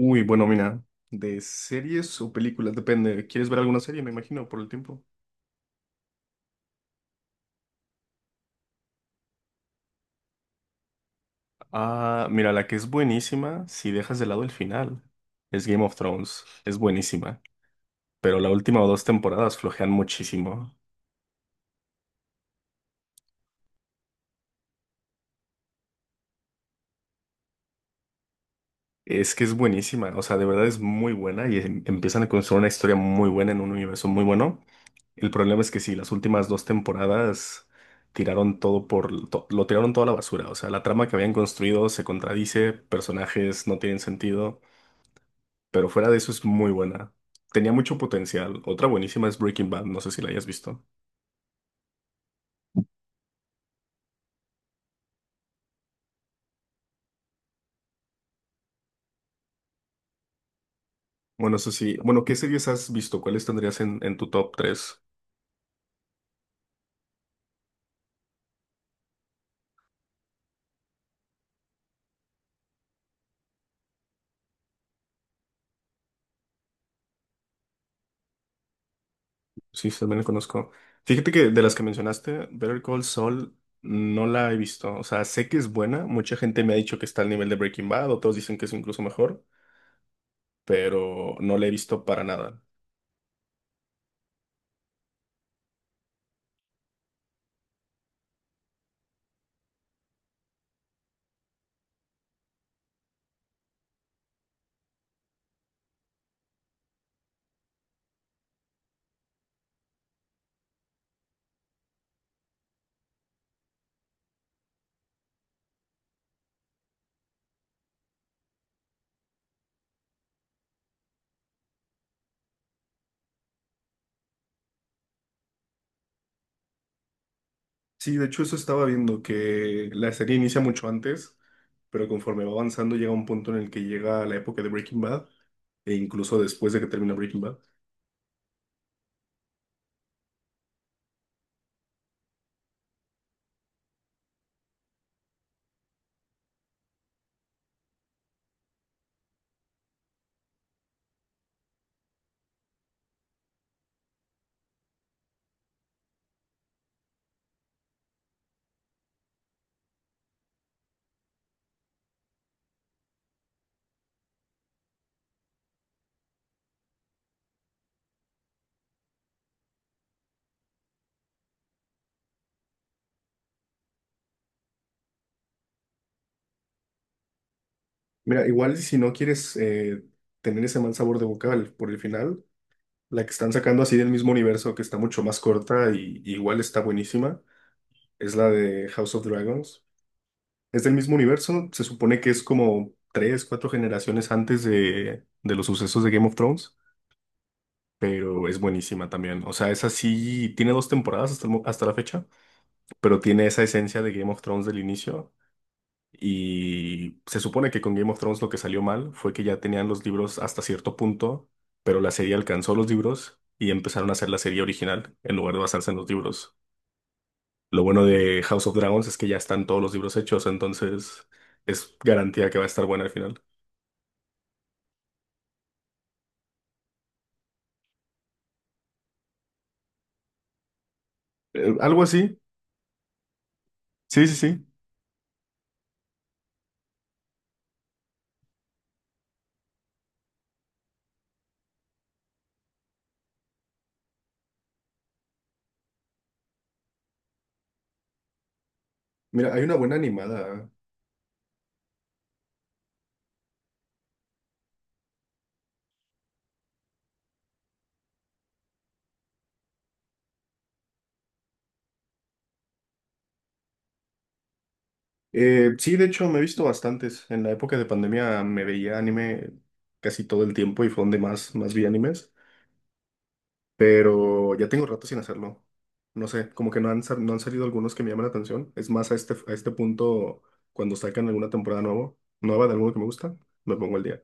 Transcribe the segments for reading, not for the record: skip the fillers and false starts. Uy, bueno, mira, de series o películas, depende. ¿Quieres ver alguna serie, me imagino, por el tiempo? Ah, mira, la que es buenísima, si dejas de lado el final, es Game of Thrones. Es buenísima, pero la última o dos temporadas flojean muchísimo. Es que es buenísima, o sea, de verdad es muy buena y empiezan a construir una historia muy buena en un universo muy bueno. El problema es que sí, las últimas dos temporadas tiraron todo por, lo tiraron toda la basura, o sea, la trama que habían construido se contradice, personajes no tienen sentido. Pero fuera de eso es muy buena. Tenía mucho potencial. Otra buenísima es Breaking Bad, no sé si la hayas visto. Bueno, eso sí. Bueno, ¿qué series has visto? ¿Cuáles tendrías en tu top tres? Sí, sí, también la conozco. Fíjate que de las que mencionaste, Better Call Saul no la he visto. O sea, sé que es buena. Mucha gente me ha dicho que está al nivel de Breaking Bad, otros dicen que es incluso mejor, pero no la he visto para nada. Sí, de hecho eso estaba viendo, que la serie inicia mucho antes, pero conforme va avanzando llega un punto en el que llega la época de Breaking Bad, e incluso después de que termina Breaking Bad. Mira, igual si no quieres tener ese mal sabor de boca por el final, la que están sacando así del mismo universo, que está mucho más corta y igual está buenísima, es la de House of Dragons. Es del mismo universo, se supone que es como tres, cuatro generaciones antes de los sucesos de Game of Thrones. Pero es buenísima también. O sea, esa sí tiene dos temporadas hasta, hasta la fecha, pero tiene esa esencia de Game of Thrones del inicio. Y se supone que con Game of Thrones lo que salió mal fue que ya tenían los libros hasta cierto punto, pero la serie alcanzó los libros y empezaron a hacer la serie original en lugar de basarse en los libros. Lo bueno de House of Dragons es que ya están todos los libros hechos, entonces es garantía que va a estar buena al final. Algo así. Sí, sí, sí. Mira, hay una buena animada. Sí, de hecho, me he visto bastantes. En la época de pandemia me veía anime casi todo el tiempo y fue donde más, más vi animes, pero ya tengo rato sin hacerlo. No sé, como que no han, no han salido algunos que me llaman la atención. Es más, a este punto, cuando sacan alguna temporada nuevo, nueva de alguno que me gusta, me pongo al día.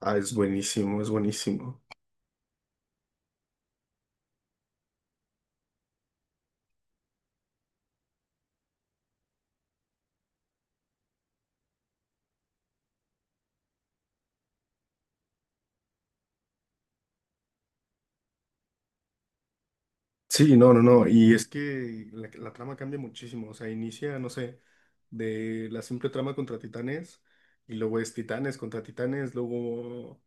Ah, es buenísimo, es buenísimo. Sí, no, no, no. Y es que la trama cambia muchísimo. O sea, inicia, no sé, de la simple trama contra titanes y luego es titanes contra titanes. Luego,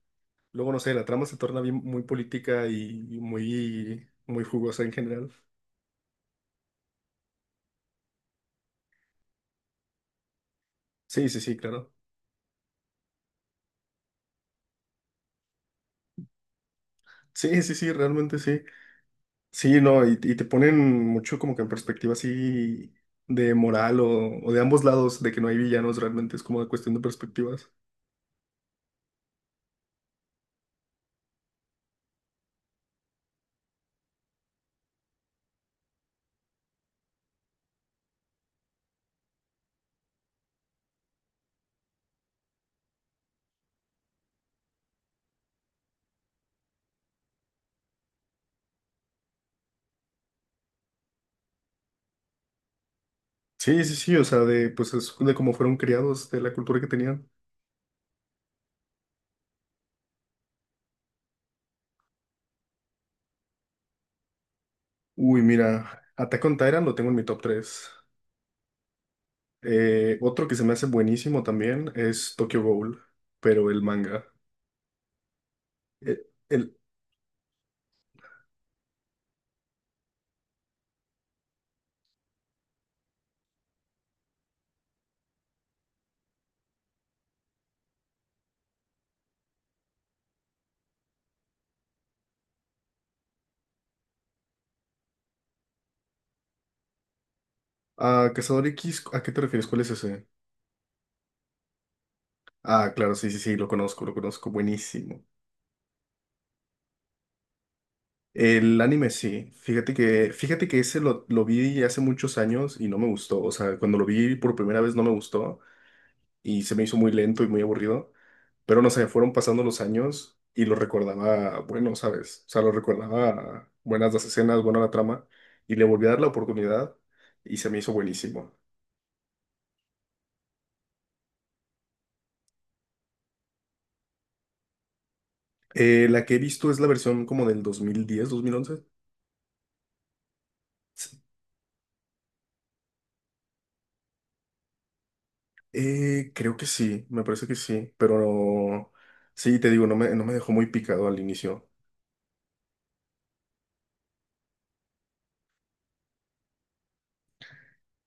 luego no sé, la trama se torna bien, muy política y muy, muy jugosa en general. Sí, sí, sí, claro. Sí, sí, sí, realmente sí. Sí, no, y te ponen mucho como que en perspectiva así de moral o de ambos lados, de que no hay villanos realmente, es como una cuestión de perspectivas. Sí, sí, sí, o sea, de, pues es de cómo fueron criados, de la cultura que tenían. Uy, mira, Attack on Titan lo tengo en mi top tres. Otro que se me hace buenísimo también es Tokyo Ghoul, pero el manga. Eh, El, ah, Cazador X, ¿a qué te refieres? ¿Cuál es ese? Ah, claro, sí, sí, sí, lo conozco, buenísimo. El anime sí, fíjate que ese lo vi hace muchos años y no me gustó, o sea, cuando lo vi por primera vez no me gustó. Y se me hizo muy lento y muy aburrido, pero no sé, fueron pasando los años y lo recordaba bueno, ¿sabes? O sea, lo recordaba buenas las escenas, buena la trama, y le volví a dar la oportunidad y se me hizo buenísimo. La que he visto es la versión como del 2010, 2011. Creo que sí, me parece que sí, sí, te digo, no me, no me dejó muy picado al inicio.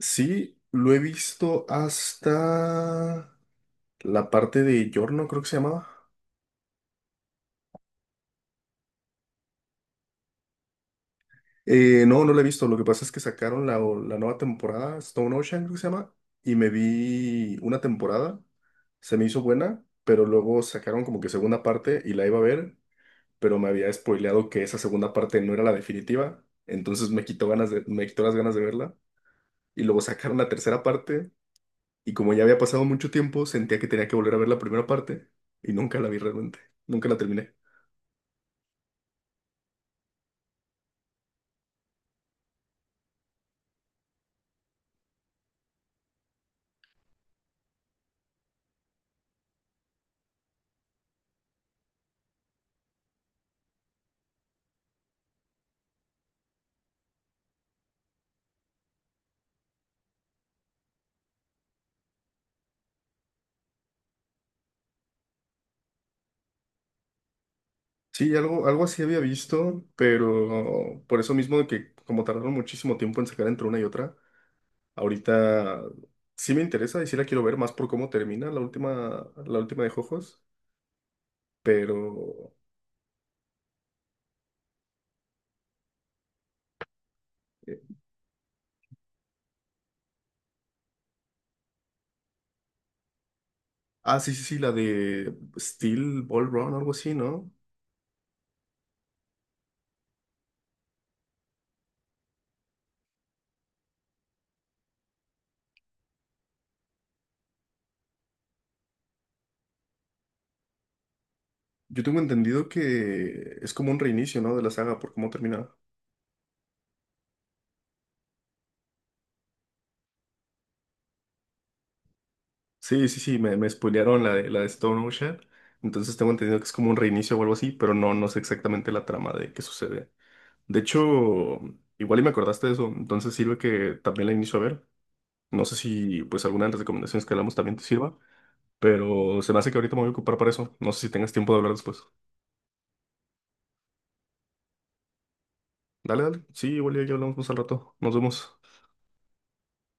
Sí, lo he visto hasta la parte de Yorno, creo que se llamaba. No, no la he visto. Lo que pasa es que sacaron la, la nueva temporada, Stone Ocean, creo que se llama, y me vi una temporada. Se me hizo buena, pero luego sacaron como que segunda parte y la iba a ver, pero me había spoileado que esa segunda parte no era la definitiva. Entonces me quitó ganas de, me quitó las ganas de verla. Y luego sacaron la tercera parte, y como ya había pasado mucho tiempo, sentía que tenía que volver a ver la primera parte, y nunca la vi realmente. Nunca la terminé. Sí, algo, algo así había visto, pero por eso mismo de que como tardaron muchísimo tiempo en sacar entre una y otra, ahorita sí me interesa y sí la quiero ver más por cómo termina la última de Jojos, pero... eh, sí, sí, sí, la de Steel Ball Run, algo así, ¿no? Yo tengo entendido que es como un reinicio, ¿no? De la saga por cómo termina. Sí, sí, sí, me spoilearon la de Stone Ocean, entonces tengo entendido que es como un reinicio o algo así, pero no, no sé exactamente la trama de qué sucede. De hecho, igual y me acordaste de eso, entonces sirve que también la inicio a ver. No sé si pues alguna de las recomendaciones que hablamos también te sirva, pero se me hace que ahorita me voy a ocupar para eso. No sé si tengas tiempo de hablar después. Dale, dale. Sí, igual y ya hablamos más al rato. Nos vemos.